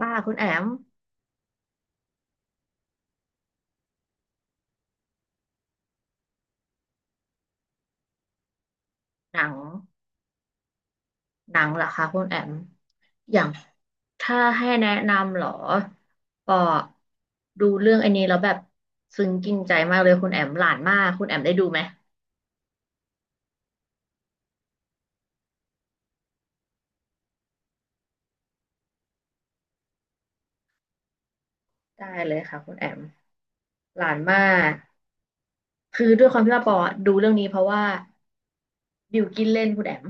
ป้าคุณแอมหนังหนังเหรอคะคุณแอมอย่างถ้าให้แนะนำเหรอปอดูเรื่องอันนี้แล้วแบบซึ้งกินใจมากเลยคุณแอมหลานมากคุณแอมได้ดูไหมได้เลยค่ะคุณแอมหลานมากคือด้วยความที่ว่าปอดูเรื่องนี้เพราะว่าบิวกินเล่นคุณแอม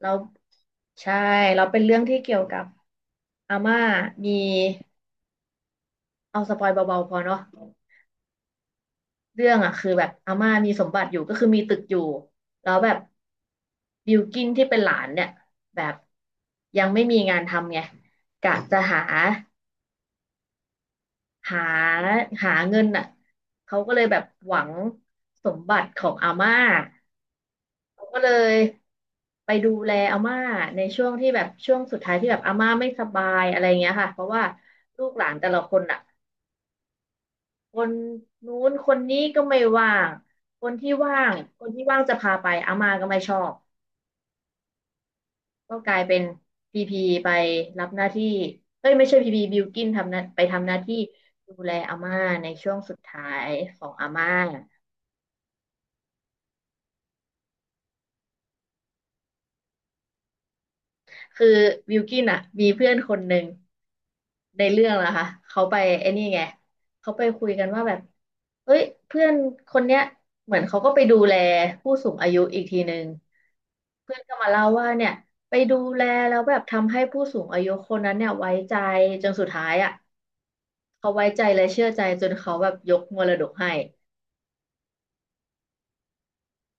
แล้วใช่เราเป็นเรื่องที่เกี่ยวกับอาม่ามีเอาสปอยเบาๆพอเนาะ เรื่องอ่ะคือแบบอาม่ามีสมบัติอยู่ก็คือมีตึกอยู่แล้วแบบบิลกิ้นที่เป็นหลานเนี่ยแบบยังไม่มีงานทำไงกะจะหาหาหาเงินอ่ะเขาก็เลยแบบหวังสมบัติของอาม่าเขาก็เลยไปดูแลอาม่าในช่วงที่แบบช่วงสุดท้ายที่แบบอาม่าไม่สบายอะไรเงี้ยค่ะเพราะว่าลูกหลานแต่ละคนอ่ะ คนนู้นคนนี้ก็ไม่ว่าง คนที่ว่างคนที่ว่างจะพาไปอาม่าก็ไม่ชอบก็กลายเป็นพีพีไปรับหน้าที่เอ้ยไม่ใช่พีพีบิลกินทำหน้าไปทำหน้าที่ดูแลอาม่าในช่วงสุดท้ายของอาม่าคือบิลกินอ่ะมีเพื่อนคนหนึ่ง ในเรื่องนะคะเขาไปไอ้นี่ไงเขาไปคุยกันว่าแบบเฮ้ยเพื่อนคนเนี้ยเหมือนเขาก็ไปดูแลผู้สูงอายุอีกทีหนึ่งเพื่อนก็มาเล่าว่าเนี่ยไปดูแลแล้วแบบทำให้ผู้สูงอายุคนนั้นเนี่ยไว้ใจจนสุดท้ายอ่ะเขาไว้ใจและเชื่อใจจนเขาแบบยกมรดกให้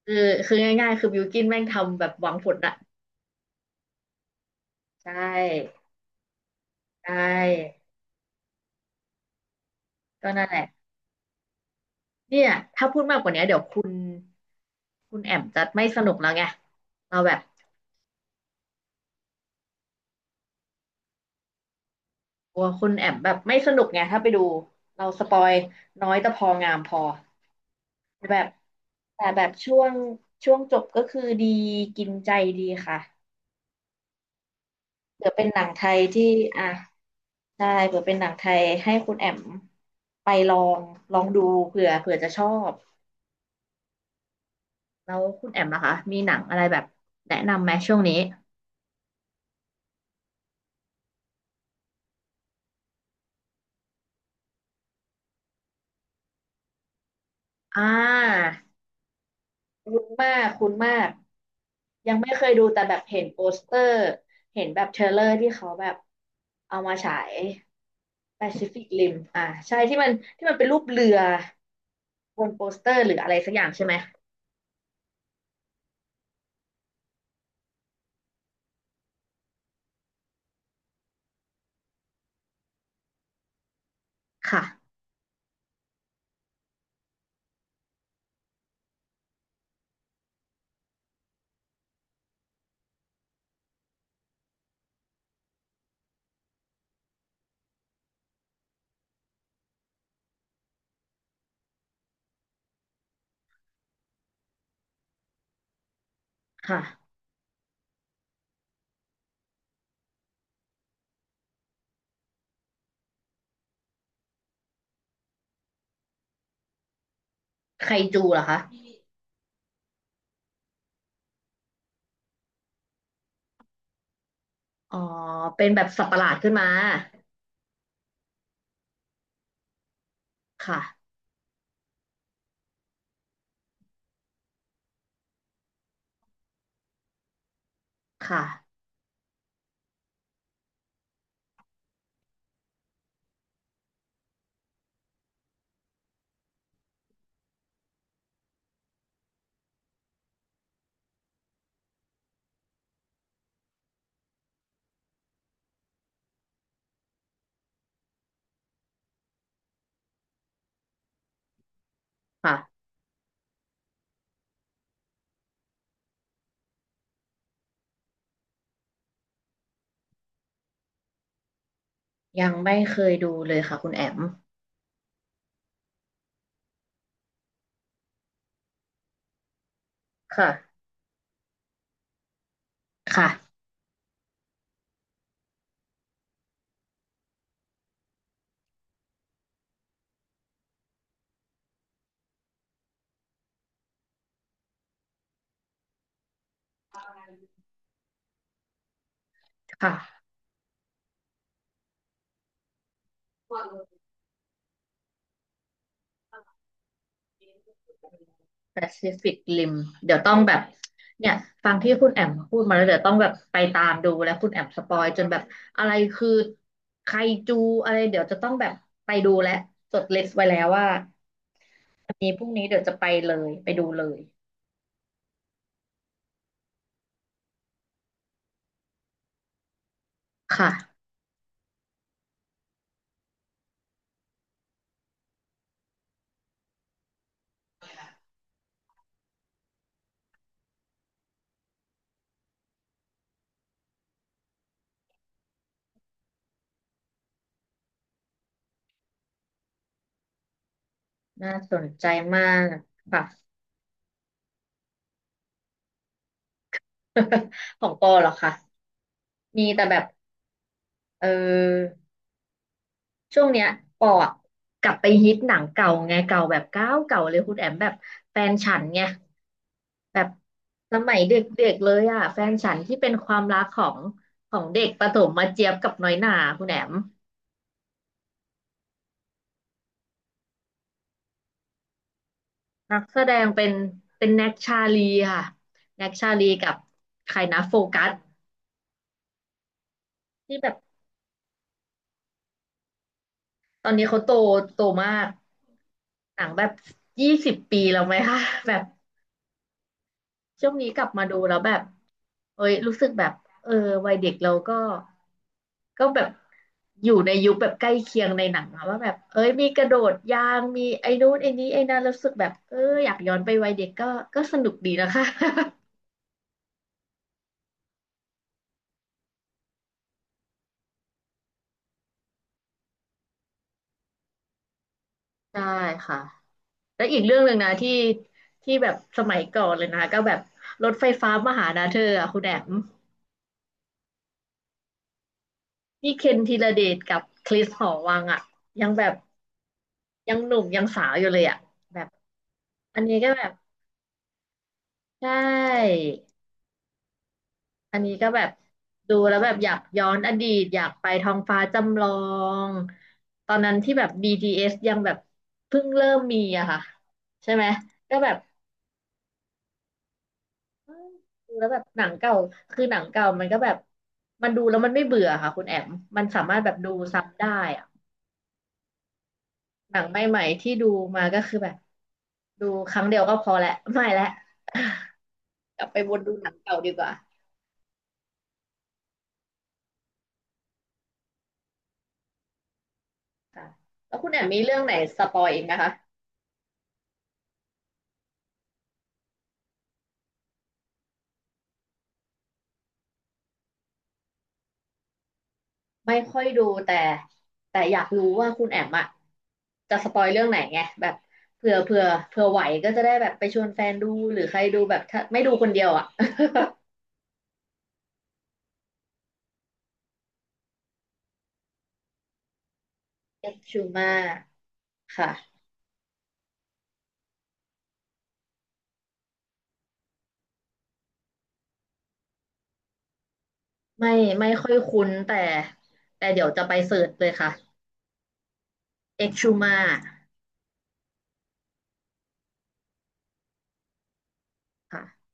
คือคือง่ายๆคือบิวกินแม่งทำแบบหวังผลอะใช่ใช่ก็นั่นแหละ เนี่ยถ้าพูดมากกว่านี้เดี๋ยวคุณแอมจะไม่สนุกแล้วไงเราแบบกลัวคุณแอมแบบไม่สนุกไงถ้าไปดูเราสปอยน้อยแต่พองามพอแต่แบบแต่แบบช่วงจบก็คือดีกินใจดีค่ะเผื่อเป็นหนังไทยที่อ่ะได้เผื่อเป็นหนังไทยให้คุณแอมไปลองลองดูเผื่อจะชอบแล้วคุณแอมนะคะมีหนังอะไรแบบแนะนำไหมช่วงนี้อ่า คุ้นมากคุ้นมากยังไม่เคยดูแต่แบบเห็นโปสเตอร์เห็นแบบเทรลเลอร์ที่เขาแบบเอามาฉาย Pacific Rim อ่าใช่ที่มันที่มันเป็นรูปเรือบนโปสเตอร์หรืออะไรสักอย่างใช่ไหมค่ะค่ะไคจูเหรอคะอ๋อเป็นแบบสัตว์ประหลาดขึ้นมาค่ะค่ะค่ะยังไม่เคยดูเลยค่ะคุณแอมค่ะค่ะค่ะ แปซิฟิกริมเดี๋ยวต้องแบบเนี่ยฟังที่คุณแอมพูดมาแล้วเดี๋ยวต้องแบบไปตามดูแล้วคุณแอมสปอยจนแบบอะไรคือไคจูอะไรเดี๋ยวจะต้องแบบไปดูและจดลิสต์ไว้แล้วว่าวันนี้พรุ่งนี้เดี๋ยวจะไปเลยไปดูเลยค่ะน่าสนใจมากค่ะ ของปอเหรอคะมีแต่แบบเออ ช่วงเนี้ยปออะกลับไปฮิตหนังเก่าไงเก่าแบบเก่าเก่าเลยคุณแอมแบบแฟนฉันไงแบบสมัยเด็กๆเลยอ่ะแฟนฉันที่เป็นความรักของของเด็กประถมมาเจี๊ยบกับน้อยหน่าคุณแอมนักแสดงเป็นเป็นแน็กชาลีค่ะแน็กชาลีกับใครนะโฟกัสที่แบบตอนนี้เขาโตโตมากหนังแบบ20 ปีแล้วไหมคะแบบ ช่วงนี้กลับมาดูแล้วแบบเอ้ยรู้สึกแบบเออวัยเด็กเราก็ก็แบบอยู่ในยุคแบบใกล้เคียงในหนังอะว่าแบบเอ้ยมีกระโดดยางมีไอ้นู้นไอ้นี้ไอ้นั้นแล้วรู้สึกแบบเอออยากย้อนไปวัยเด็กก็ก็สนุกดีนะคะ ใช่ค่ะแล้วอีกเรื่องหนึ่งนะที่ที่แบบสมัยก่อนเลยนะก็แบบรถไฟฟ้ามาหานะเธออะคุณแอมนี่เคนธีรเดชกับคริสหอวังอะยังแบบยังหนุ่มยังสาวอยู่เลยอะแบบอันนี้ก็แบบ ใช่อันนี้ก็แบบดูแล้วแบบอยากย้อนอดีตอยากไปท้องฟ้าจำลองตอนนั้นที่แบบ BTS ยังแบบเพิ่งเริ่มมีอะค่ะใช่ไหมก็แบบเอ้ยดูแล้วแบบหนังเก่าคือหนังเก่ามันก็แบบมันดูแล้วมันไม่เบื่อค่ะคุณแอมมันสามารถแบบดูซ้ำได้อะหนังใหม่ๆที่ดูมาก็คือแบบดูครั้งเดียวก็พอแหละไม่แล้ว กลับไปวนดูหนังเก่าดีกว่าค่ะแล้วคุณแอมมีเรื่องไหนสปอยอีกไหมคะ ไม่ค่อยดูแต่แต่อยากรู้ว่าคุณแอมอะจะสปอยเรื่องไหนไงแบบเผื่อเผื่อไหวก็จะได้แบบไปชวนแฟนดูหรือใครดูแบบถ้าไม่ดูคนเดียวอะเอฟชูมาค่ะไม่ไม่ค่อยคุ้นแต่แต่เดี๋ยวจะไปเสิร์ชเลยค่ะเอ็กชูมาค่ะ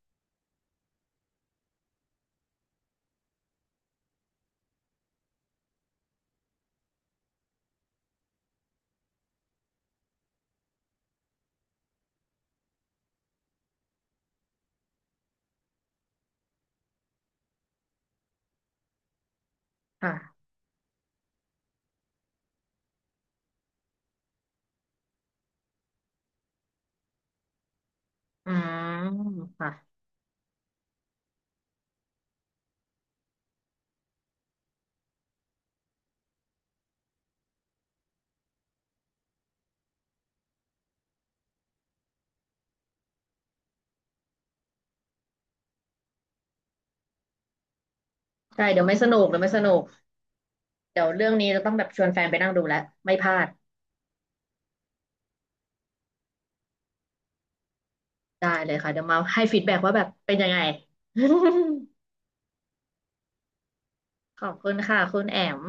ค่ะอืมค่ะใช่เดี๋ยวไม่สนุกเดี๋ยวไม่สนุกเดี๋ยวเรื่องนี้จะต้องแบบชวนแฟนไปนั่งดูแล้วไม่พลาดได้เลยค่ะเดี๋ยวมาให้ฟีดแบ็กว่าแบบเป็นยังไง ขอบคุณค่ะคุณแอม